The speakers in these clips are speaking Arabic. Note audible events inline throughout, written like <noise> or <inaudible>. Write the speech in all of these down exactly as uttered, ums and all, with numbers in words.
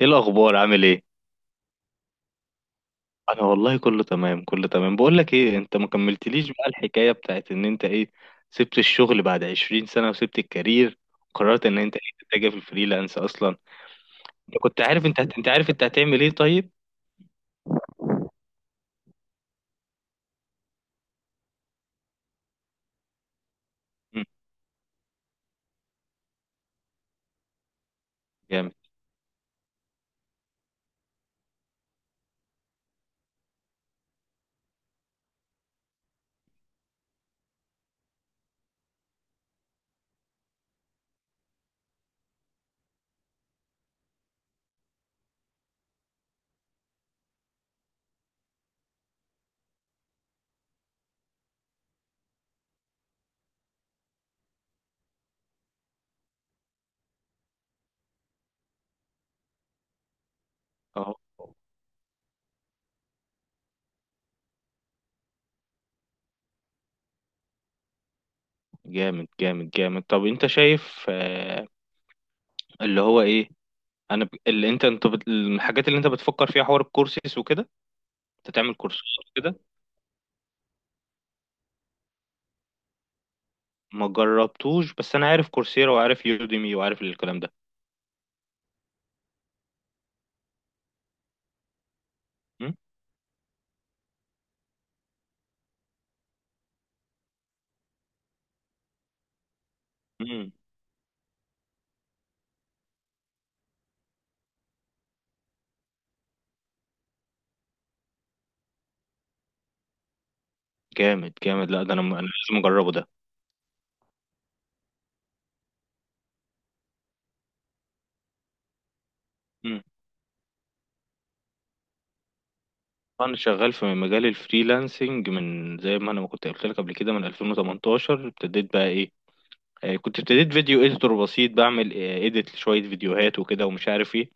ايه الاخبار؟ عامل ايه؟ انا والله كله تمام، كله تمام. بقول لك ايه، انت ما كملتليش بقى الحكايه بتاعت ان انت ايه، سبت الشغل بعد 20 سنه وسبت الكارير وقررت ان انت ايه تتجه في الفريلانس اصلا. انت كنت عارف انت هت... انت عارف انت هتعمل ايه؟ طيب. مم. جامد. اهو. جامد، جامد، جامد، طب انت شايف آه اللي هو ايه؟ انا ب... اللي انت انت بت... الحاجات اللي انت بتفكر فيها حوار الكورسات وكده. انت تعمل كورسات كده؟ ما جربتوش، بس انا عارف كورسيرا وعارف يوديمي وعارف الكلام ده. مم. مم. جامد، جامد، لا ده انا م- انا لازم اجربه ده. مم. انا شغال في مجال الفريلانسنج من زي ما انا ما كنت قلت لك قبل كده، من ألفين وتمنتاشر ابتديت بقى ايه. آه، كنت ابتديت فيديو اديتور بسيط بعمل اديت لشوية فيديوهات وكده، ومش عارف ايه.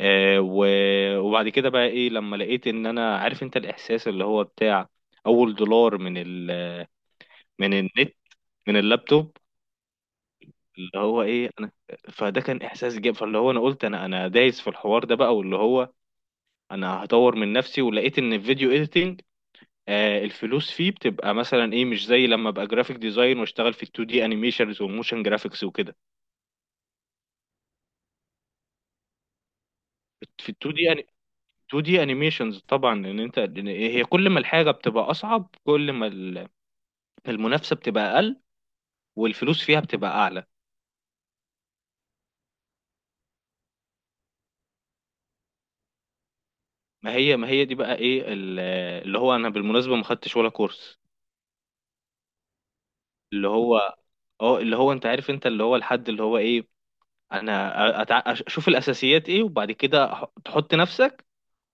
آه، و- وبعد كده بقى ايه لما لقيت ان انا عارف انت الاحساس اللي هو بتاع اول دولار من ال، من النت، من اللابتوب، اللي هو ايه انا. فده كان احساس جامد، فاللي هو انا قلت، انا انا دايس في الحوار ده بقى، واللي هو انا هطور من نفسي، ولقيت ان الفيديو اديتنج آه الفلوس فيه بتبقى مثلا ايه، مش زي لما ابقى جرافيك ديزاين واشتغل في تو دي انيميشنز وموشن جرافيكس وكده. في تو دي، تو دي انيميشنز طبعا، ان انت إن هي كل ما الحاجه بتبقى اصعب، كل ما ال- المنافسه بتبقى اقل، والفلوس فيها بتبقى اعلى. ما هي ما هي دي بقى ايه ال- اللي هو انا بالمناسبه ما خدتش ولا كورس، اللي هو، اه، اللي هو انت عارف انت، اللي هو الحد، اللي هو ايه، انا أتع... اشوف الاساسيات ايه، وبعد كده أح- تحط نفسك،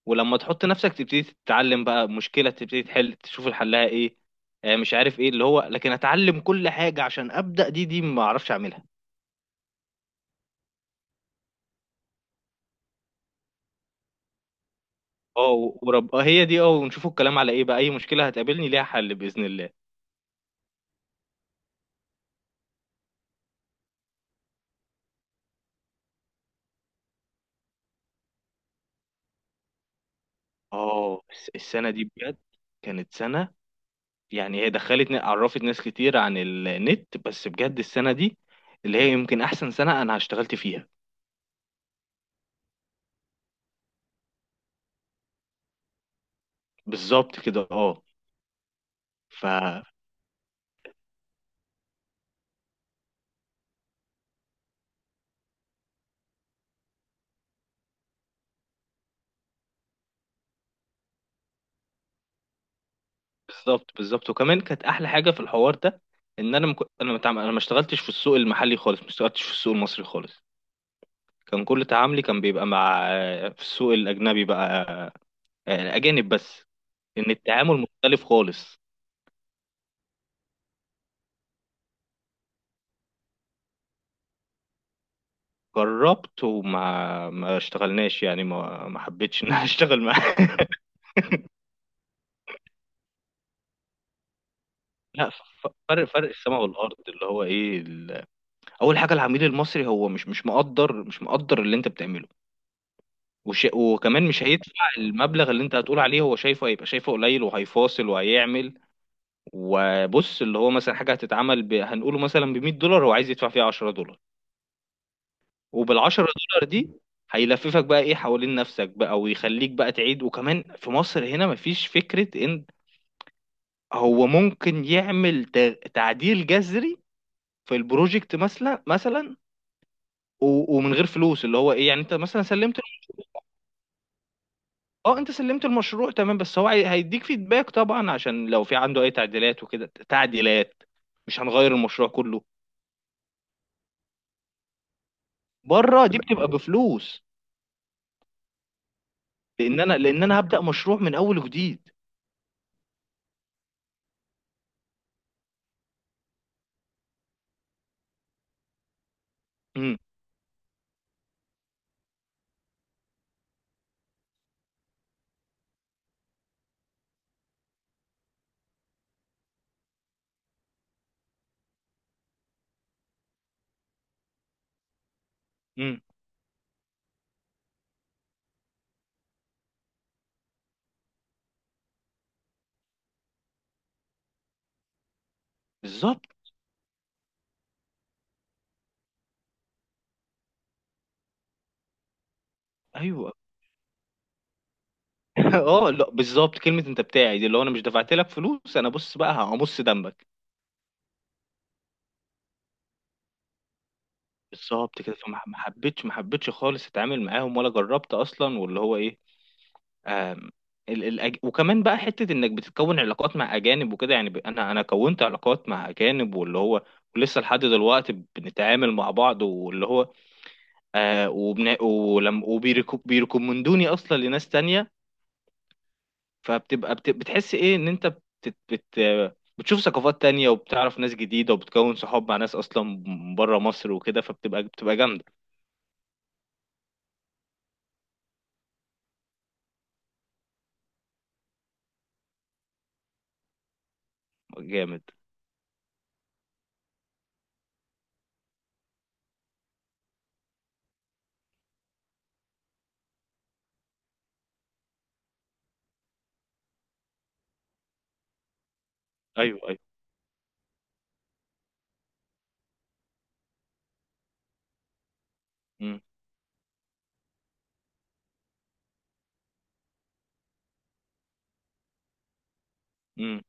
ولما تحط نفسك تبتدي تتعلم بقى مشكلة، تبتدي تحل، تشوف الحلها ايه، آه، مش عارف ايه اللي هو، لكن اتعلم كل حاجة عشان ابدأ دي دي ما اعرفش اعملها. اه، و- ورب آه، هي دي، اه، ونشوفوا الكلام على ايه بقى، اي مشكلة هتقابلني ليها حل بإذن الله. اه، الس- السنة دي بجد كانت سنة، يعني هي دخلت ن- عرفت ناس كتير عن النت، بس بجد السنة دي اللي هي يمكن احسن سنة انا اشتغلت فيها. بالظبط كده. اه. بالظبط، بالظبط، وكمان كانت احلى حاجه في الحوار ده ان انا مك... انا ما متعامل... انا ما اشتغلتش في السوق المحلي خالص، ما اشتغلتش في السوق المصري خالص، كان كل تعاملي كان بيبقى مع، في السوق الاجنبي بقى، آه، الاجانب بس، ان التعامل مختلف خالص. جربت، وما ما اشتغلناش يعني، ما ما حبيتش <laughs> ان انا اشتغل معاه. <laughs> لا، ف- فرق فرق السماء والارض، اللي هو ايه ال... اول حاجه، العميل المصري هو مش مش مقدر مش مقدر اللي انت بتعمله، وش... وكمان مش هيدفع المبلغ اللي انت هتقول عليه، هو شايفه، هيبقى شايفه قليل وهيفاصل وهيعمل. وبص، اللي هو مثلا حاجه هتتعمل ب... هنقوله مثلا ب مية دولار، هو عايز يدفع فيها عشرة دولار، وبال عشرة دولار دي هيلففك بقى ايه حوالين نفسك بقى، ويخليك بقى تعيد، وكمان في مصر هنا مفيش فكره ان هو ممكن يعمل ت... تعديل جذري في البروجكت، مثلا مثلا، و... ومن غير فلوس، اللي هو ايه يعني انت مثلا سلمت. اه، انت سلمت المشروع تمام، بس هو هي- هيديك فيدباك طبعا عشان لو في عنده اي تعديلات وكده، تعديلات مش هنغير المشروع كله، بره دي بتبقى بفلوس، لان انا لان انا هبدأ مشروع من اول وجديد. امم. امم. بالظبط. ايوه. <laughs> اه، لا، بالظبط، كلمة انت بتاعي دي اللي هو انا مش دفعت لك فلوس، انا بص بقى همص دمك. بالظبط كده، فما ما حبيتش، ما حبيتش خالص اتعامل معاهم ولا جربت اصلا، واللي هو ايه، آم، ال- الأج... وكمان بقى حتة انك بتتكون علاقات مع اجانب وكده، يعني ب... انا انا كونت علاقات مع اجانب، واللي هو ولسه لحد دلوقتي بنتعامل مع بعض، واللي هو آه وبن... ولم... وبيركومندوني اصلا لناس تانية. فبتبقى بت... بتحس ايه ان انت بت... بت... بتشوف ثقافات تانية، وبتعرف ناس جديدة، وبتكون صحاب مع ناس اصلا بره مصر وكده، فبتبقى بتبقى جامدة. جامد. ايوه، ايوه. امم.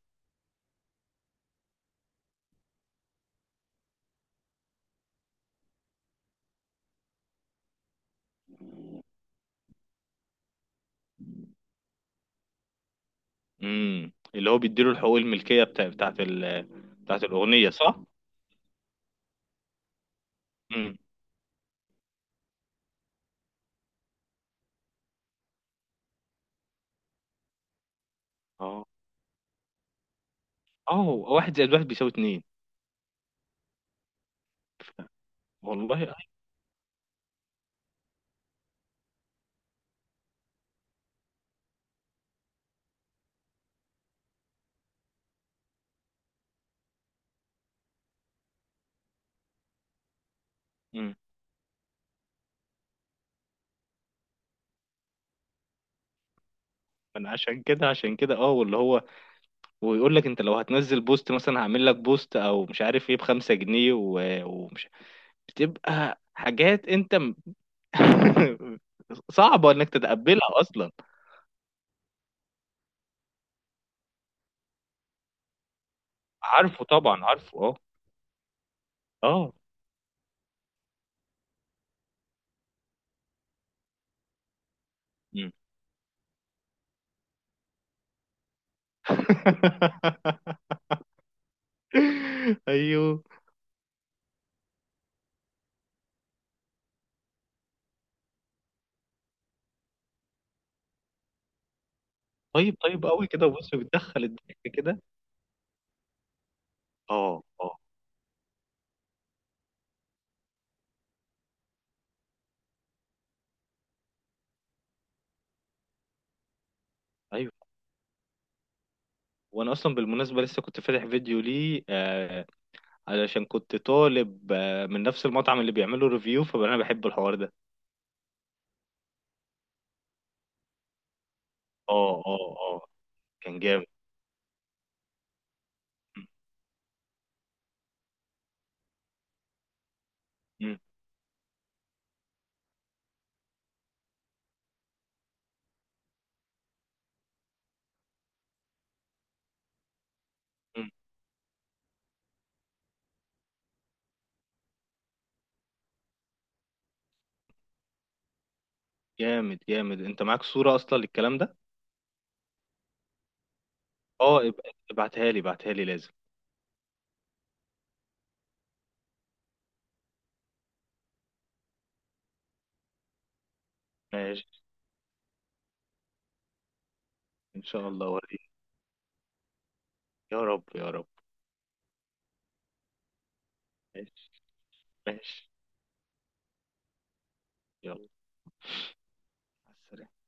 امم، اللي هو بيديله الحقوق الملكية بتاع بتاعت ال... بتاعت الأغنية، صح؟ امم. اه اه، هو واحد زائد واحد بيساوي اتنين. والله. امم. انا عشان كده، عشان كده، اه، واللي هو، ويقول لك انت لو هتنزل بوست مثلا، هعمل لك بوست او مش عارف ايه بخمسة جنيه، و... ومش بتبقى حاجات انت م- <laughs> صعبة انك تتقبلها اصلا. عارفه طبعا، عارفه، اه. اه. مم. <laughs> ايوه. طيب، طيب قوي كده، بص بتدخل الضحك كده. اه، اه، ايوه. وانا اصلا بالمناسبه لسه كنت فاتح فيديو ليه، آه علشان كنت طالب آه من نفس المطعم اللي بيعملوا ريفيو، فانا بحب الحوار ده. اه، اه، اه، كان جامد. م- م- م. جامد، جامد، انت معاك صوره اصلا للكلام ده؟ اه، اب- ابعتها لي، ابعتها لي لازم. ماشي. ان شاء الله اوريك. يا رب، يا رب. ماشي. ماشي. يلا. مع السلامة.